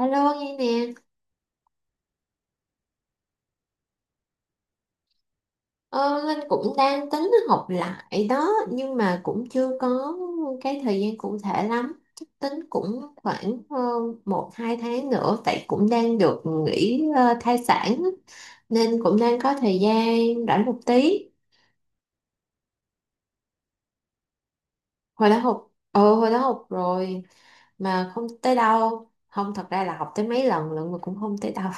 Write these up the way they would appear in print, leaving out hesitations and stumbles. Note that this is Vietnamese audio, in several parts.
Alo nghe nè. Ờ, Linh cũng đang tính học lại đó nhưng mà cũng chưa có cái thời gian cụ thể lắm. Chắc tính cũng khoảng một hai tháng nữa, tại cũng đang được nghỉ thai sản á, nên cũng đang có thời gian rảnh một tí. Hồi đó học rồi mà không tới đâu. Không, thật ra là học tới mấy lần lận mà cũng không tới đâu.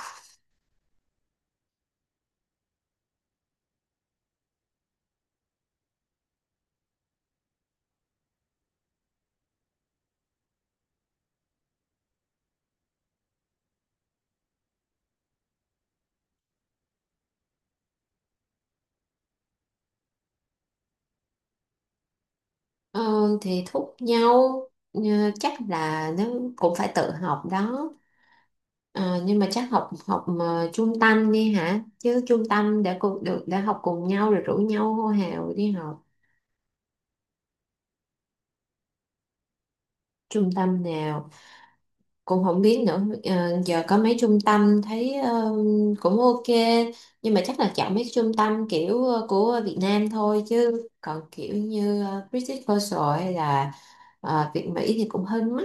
ờ, thì thúc nhau. ờ, Chắc là nó cũng phải tự học đó. Ờ, nhưng mà chắc học học mà trung tâm đi hả, chứ trung tâm đã cùng được, đã học cùng nhau rồi rủ nhau hô hào đi học. Trung tâm nào cũng không biết nữa. Ờ, giờ có mấy trung tâm thấy cũng ok, nhưng mà chắc là chọn mấy trung tâm kiểu của Việt Nam thôi, chứ còn kiểu như British Coastal hay là Việt Mỹ thì cũng hơi mắc.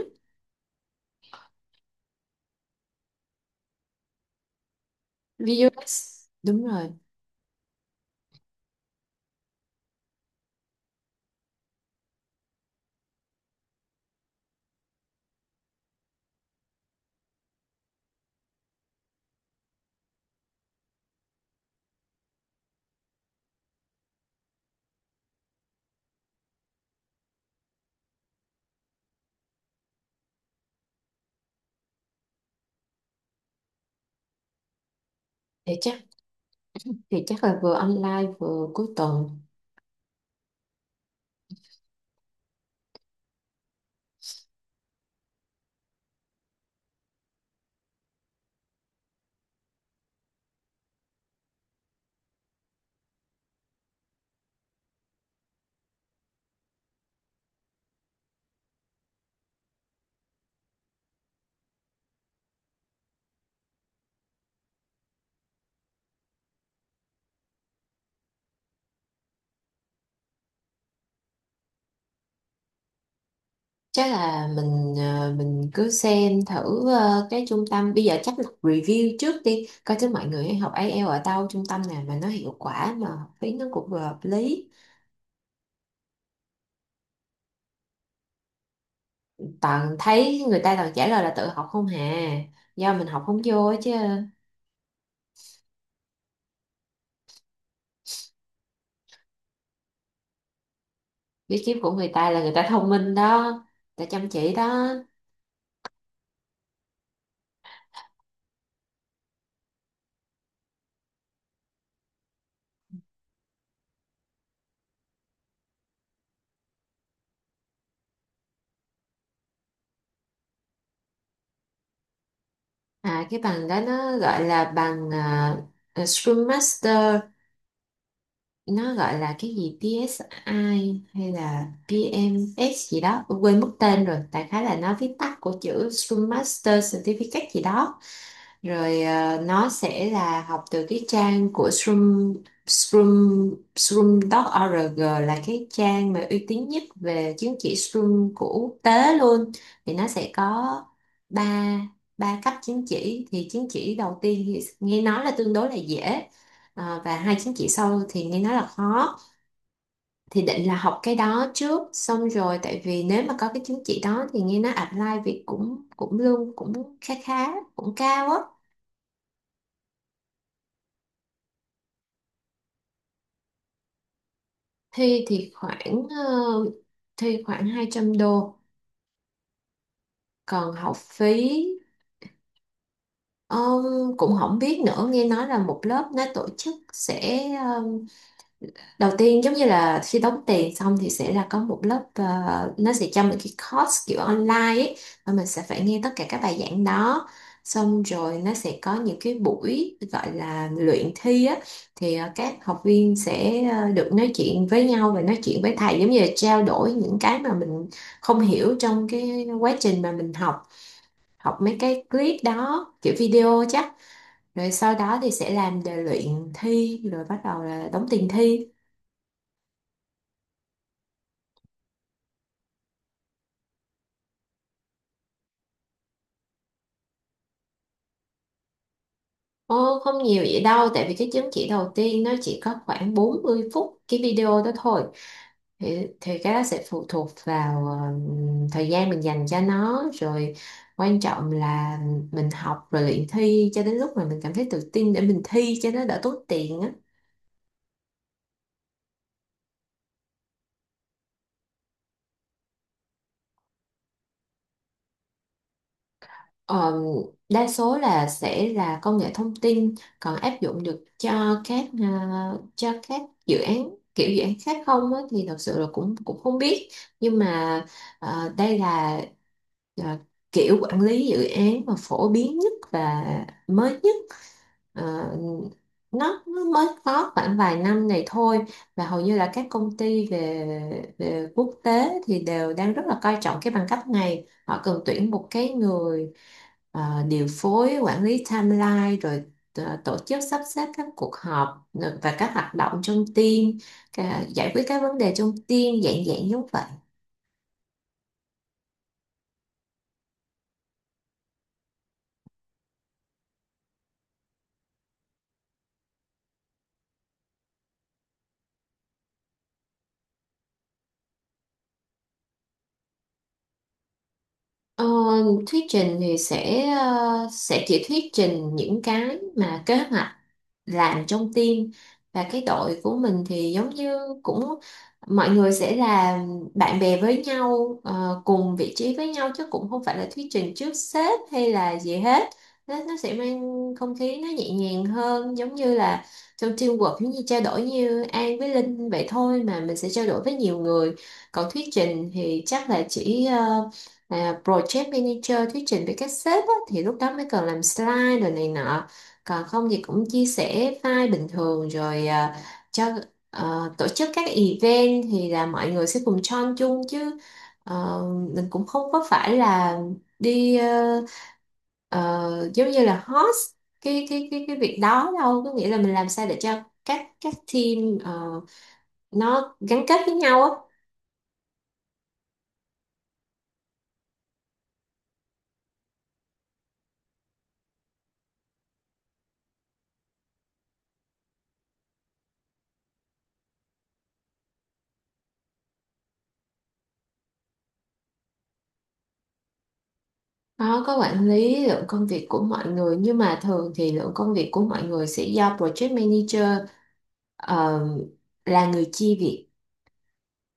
VUS đúng rồi. thì chắc thì chắc là vừa online vừa cuối tuần. Chắc là mình cứ xem thử cái trung tâm bây giờ, chắc là review trước đi, coi thử mọi người học IELTS ở đâu, trung tâm nào mà nó hiệu quả mà học phí nó cũng vừa hợp lý. Toàn thấy người ta toàn trả lời là tự học không hà, do mình học không vô á chứ. Bí kíp của người ta là người ta thông minh đó, người ta chăm chỉ đó. À, cái bằng đó nó gọi là bằng Scrum Master. Nó gọi là cái gì PSI hay là PMS gì đó, quên mất tên rồi, đại khái là nó viết tắt của chữ Scrum Master Certificate gì đó. Rồi nó sẽ là học từ cái trang của Shroom Shroom Shroom.org là cái trang mà uy tín nhất về chứng chỉ Shroom của quốc tế luôn. Thì nó sẽ có ba ba cấp chứng chỉ. Thì chứng chỉ đầu tiên thì nghe nói là tương đối là dễ. Ờ, và hai chứng chỉ sau thì nghe nói là khó. Thì định là học cái đó trước xong rồi, tại vì nếu mà có cái chứng chỉ đó thì nghe nói apply việc cũng cũng lương cũng khá khá, cũng cao á. thi thì khoảng ờ, Thi khoảng 200 đô. Còn học phí ờ, cũng không biết nữa. Nghe nói là một lớp nó tổ chức sẽ đầu tiên, giống như là khi đóng tiền xong thì sẽ là có một lớp, nó sẽ cho mình cái course kiểu online ấy, và mình sẽ phải nghe tất cả các bài giảng đó, xong rồi nó sẽ có những cái buổi gọi là luyện thi á. Thì các học viên sẽ được nói chuyện với nhau và nói chuyện với thầy, giống như là trao đổi những cái mà mình không hiểu trong cái quá trình mà mình học, học mấy cái clip đó kiểu video chắc, rồi sau đó thì sẽ làm đề luyện thi, rồi bắt đầu là đóng tiền thi. Ồ, không nhiều vậy đâu, tại vì cái chứng chỉ đầu tiên nó chỉ có khoảng 40 phút cái video đó thôi. Thì cái đó sẽ phụ thuộc vào thời gian mình dành cho nó, rồi quan trọng là mình học rồi luyện thi cho đến lúc mà mình cảm thấy tự tin để mình thi cho nó đỡ tốn tiền á. Ờ, đa số là sẽ là công nghệ thông tin, còn áp dụng được cho cho các dự án kiểu dự án khác không á, thì thật sự là cũng cũng không biết. Nhưng mà đây là ờ, kiểu quản lý dự án mà phổ biến nhất và mới nhất. Ờ, nó mới có khoảng vài năm này thôi, và hầu như là các công ty về về quốc tế thì đều đang rất là coi trọng cái bằng cấp này. Họ cần tuyển một cái người điều phối, quản lý timeline, rồi tổ chức sắp xếp các cuộc họp, và các hoạt động trong team. Giải quyết các vấn đề trong team, dạng dạng giống vậy. Ờ, thuyết trình thì sẽ chỉ thuyết trình những cái mà kế hoạch làm trong team. Và cái đội của mình thì giống như cũng mọi người sẽ là bạn bè với nhau, cùng vị trí với nhau, chứ cũng không phải là thuyết trình trước sếp hay là gì hết. Nó sẽ mang không khí nó nhẹ nhàng hơn, giống như là trong teamwork, giống như trao đổi như An với Linh vậy thôi, mà mình sẽ trao đổi với nhiều người. Còn thuyết trình thì chắc là chỉ là project manager thuyết trình với các sếp á, thì lúc đó mới cần làm slide rồi này nọ. Còn không thì cũng chia sẻ file bình thường rồi cho. Tổ chức các event thì là mọi người sẽ cùng join chung chứ. Ờ, mình cũng không có phải là đi giống như là host cái việc đó, đâu có nghĩa là mình làm sao để cho các team nó gắn kết với nhau á. Nó có quản lý lượng công việc của mọi người, nhưng mà thường thì lượng công việc của mọi người sẽ do project manager ờ, là người chia việc.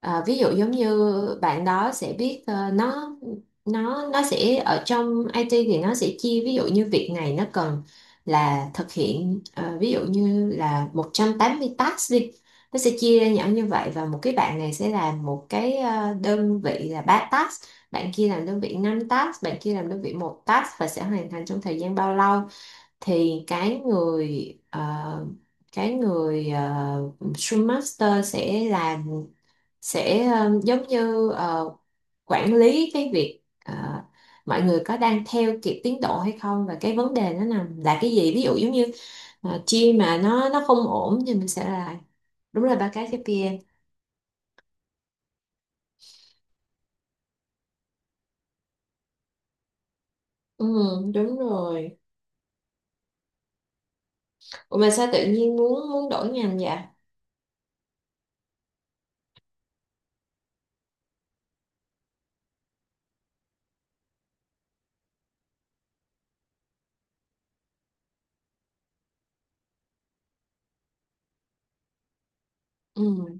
Ờ, ví dụ giống như bạn đó sẽ biết nó sẽ ở trong IT, thì nó sẽ chia, ví dụ như việc này nó cần là thực hiện ví dụ như là 180 task đi. Nó sẽ chia ra nhỏ như vậy, và một cái bạn này sẽ làm một cái đơn vị là 3 task, bạn kia làm đơn vị 5 task, bạn kia làm đơn vị một task, và sẽ hoàn thành trong thời gian bao lâu. Thì cái người Scrum Master sẽ làm, sẽ giống như quản lý cái việc, mọi người có đang theo kịp tiến độ hay không, và cái vấn đề nó nằm là cái gì. Ví dụ giống như chia mà nó không ổn thì mình sẽ là đúng là ba cái KPI. Ừ, đúng rồi. Ủa mà sao tự nhiên muốn muốn đổi ngành vậy. Ừ,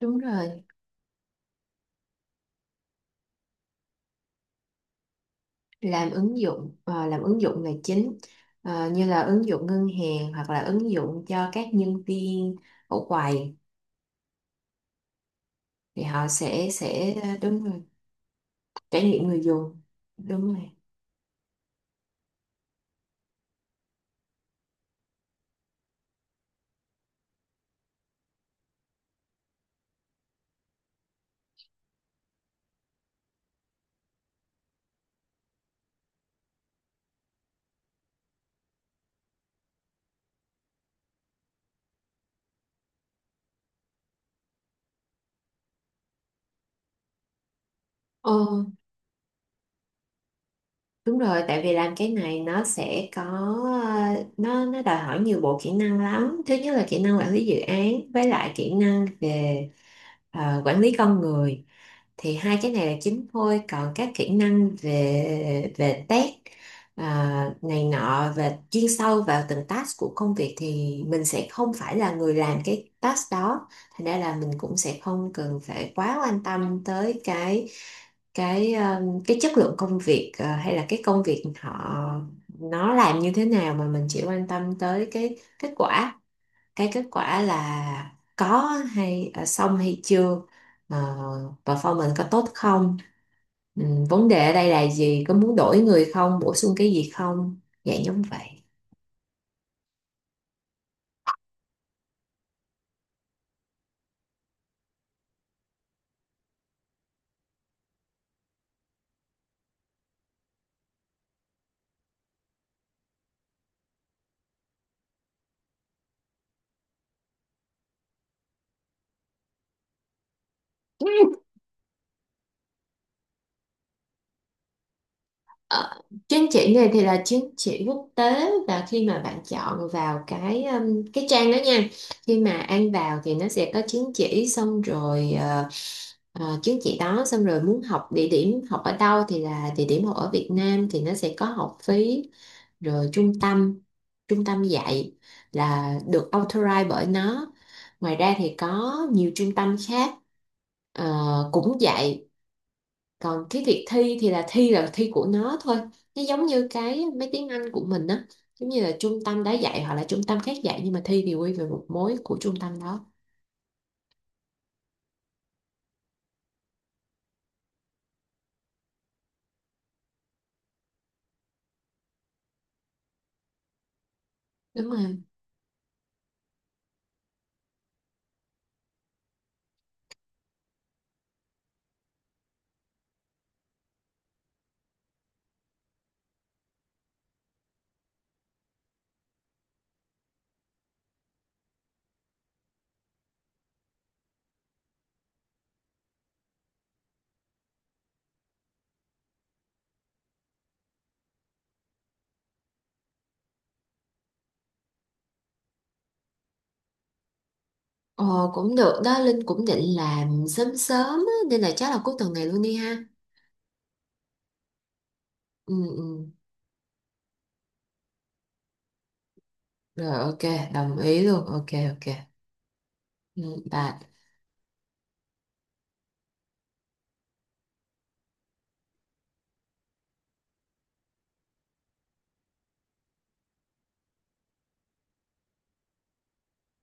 đúng rồi. Làm ứng dụng là chính. Ờ, như là ứng dụng ngân hàng hoặc là ứng dụng cho các nhân viên ở quầy, thì họ sẽ đúng rồi. Trải nghiệm người dùng đúng rồi. Ờ, đúng rồi, tại vì làm cái này nó sẽ có nó đòi hỏi nhiều bộ kỹ năng lắm. Thứ nhất là kỹ năng quản lý dự án, với lại kỹ năng về quản lý con người. Thì hai cái này là chính thôi, còn các kỹ năng về về test này nọ, về chuyên sâu vào từng task của công việc, thì mình sẽ không phải là người làm cái task đó. Thành ra là mình cũng sẽ không cần phải quá quan tâm tới cái chất lượng công việc, hay là cái công việc họ nó làm như thế nào, mà mình chỉ quan tâm tới cái kết quả. Cái kết quả là có hay xong hay chưa, ờ, performance có tốt không. Ừ, vấn đề ở đây là gì, có muốn đổi người không, bổ sung cái gì không, dạng giống vậy. Ờ, chứng chỉ này thì là chứng chỉ quốc tế, và khi mà bạn chọn vào cái trang đó nha. Khi mà An vào thì nó sẽ có chứng chỉ xong rồi ờ, Ờ, chứng chỉ đó xong rồi muốn học địa điểm học ở đâu, thì là địa điểm học ở Việt Nam thì nó sẽ có học phí, rồi trung tâm dạy là được authorize bởi nó. Ngoài ra thì có nhiều trung tâm khác ờ, cũng dạy. Còn cái việc thi thì là thi, là thi của nó thôi. Nó giống như cái mấy tiếng Anh của mình á, giống như là trung tâm đã dạy hoặc là trung tâm khác dạy, nhưng mà thi thì quy về một mối của trung tâm đó. Đúng rồi. Ờ, cũng được đó, Linh cũng định làm sớm sớm á, nên là chắc là cuối tuần này luôn đi ha. Ừ, ừ. Rồi ok, đồng ý luôn, ok ok. Ừ, bye.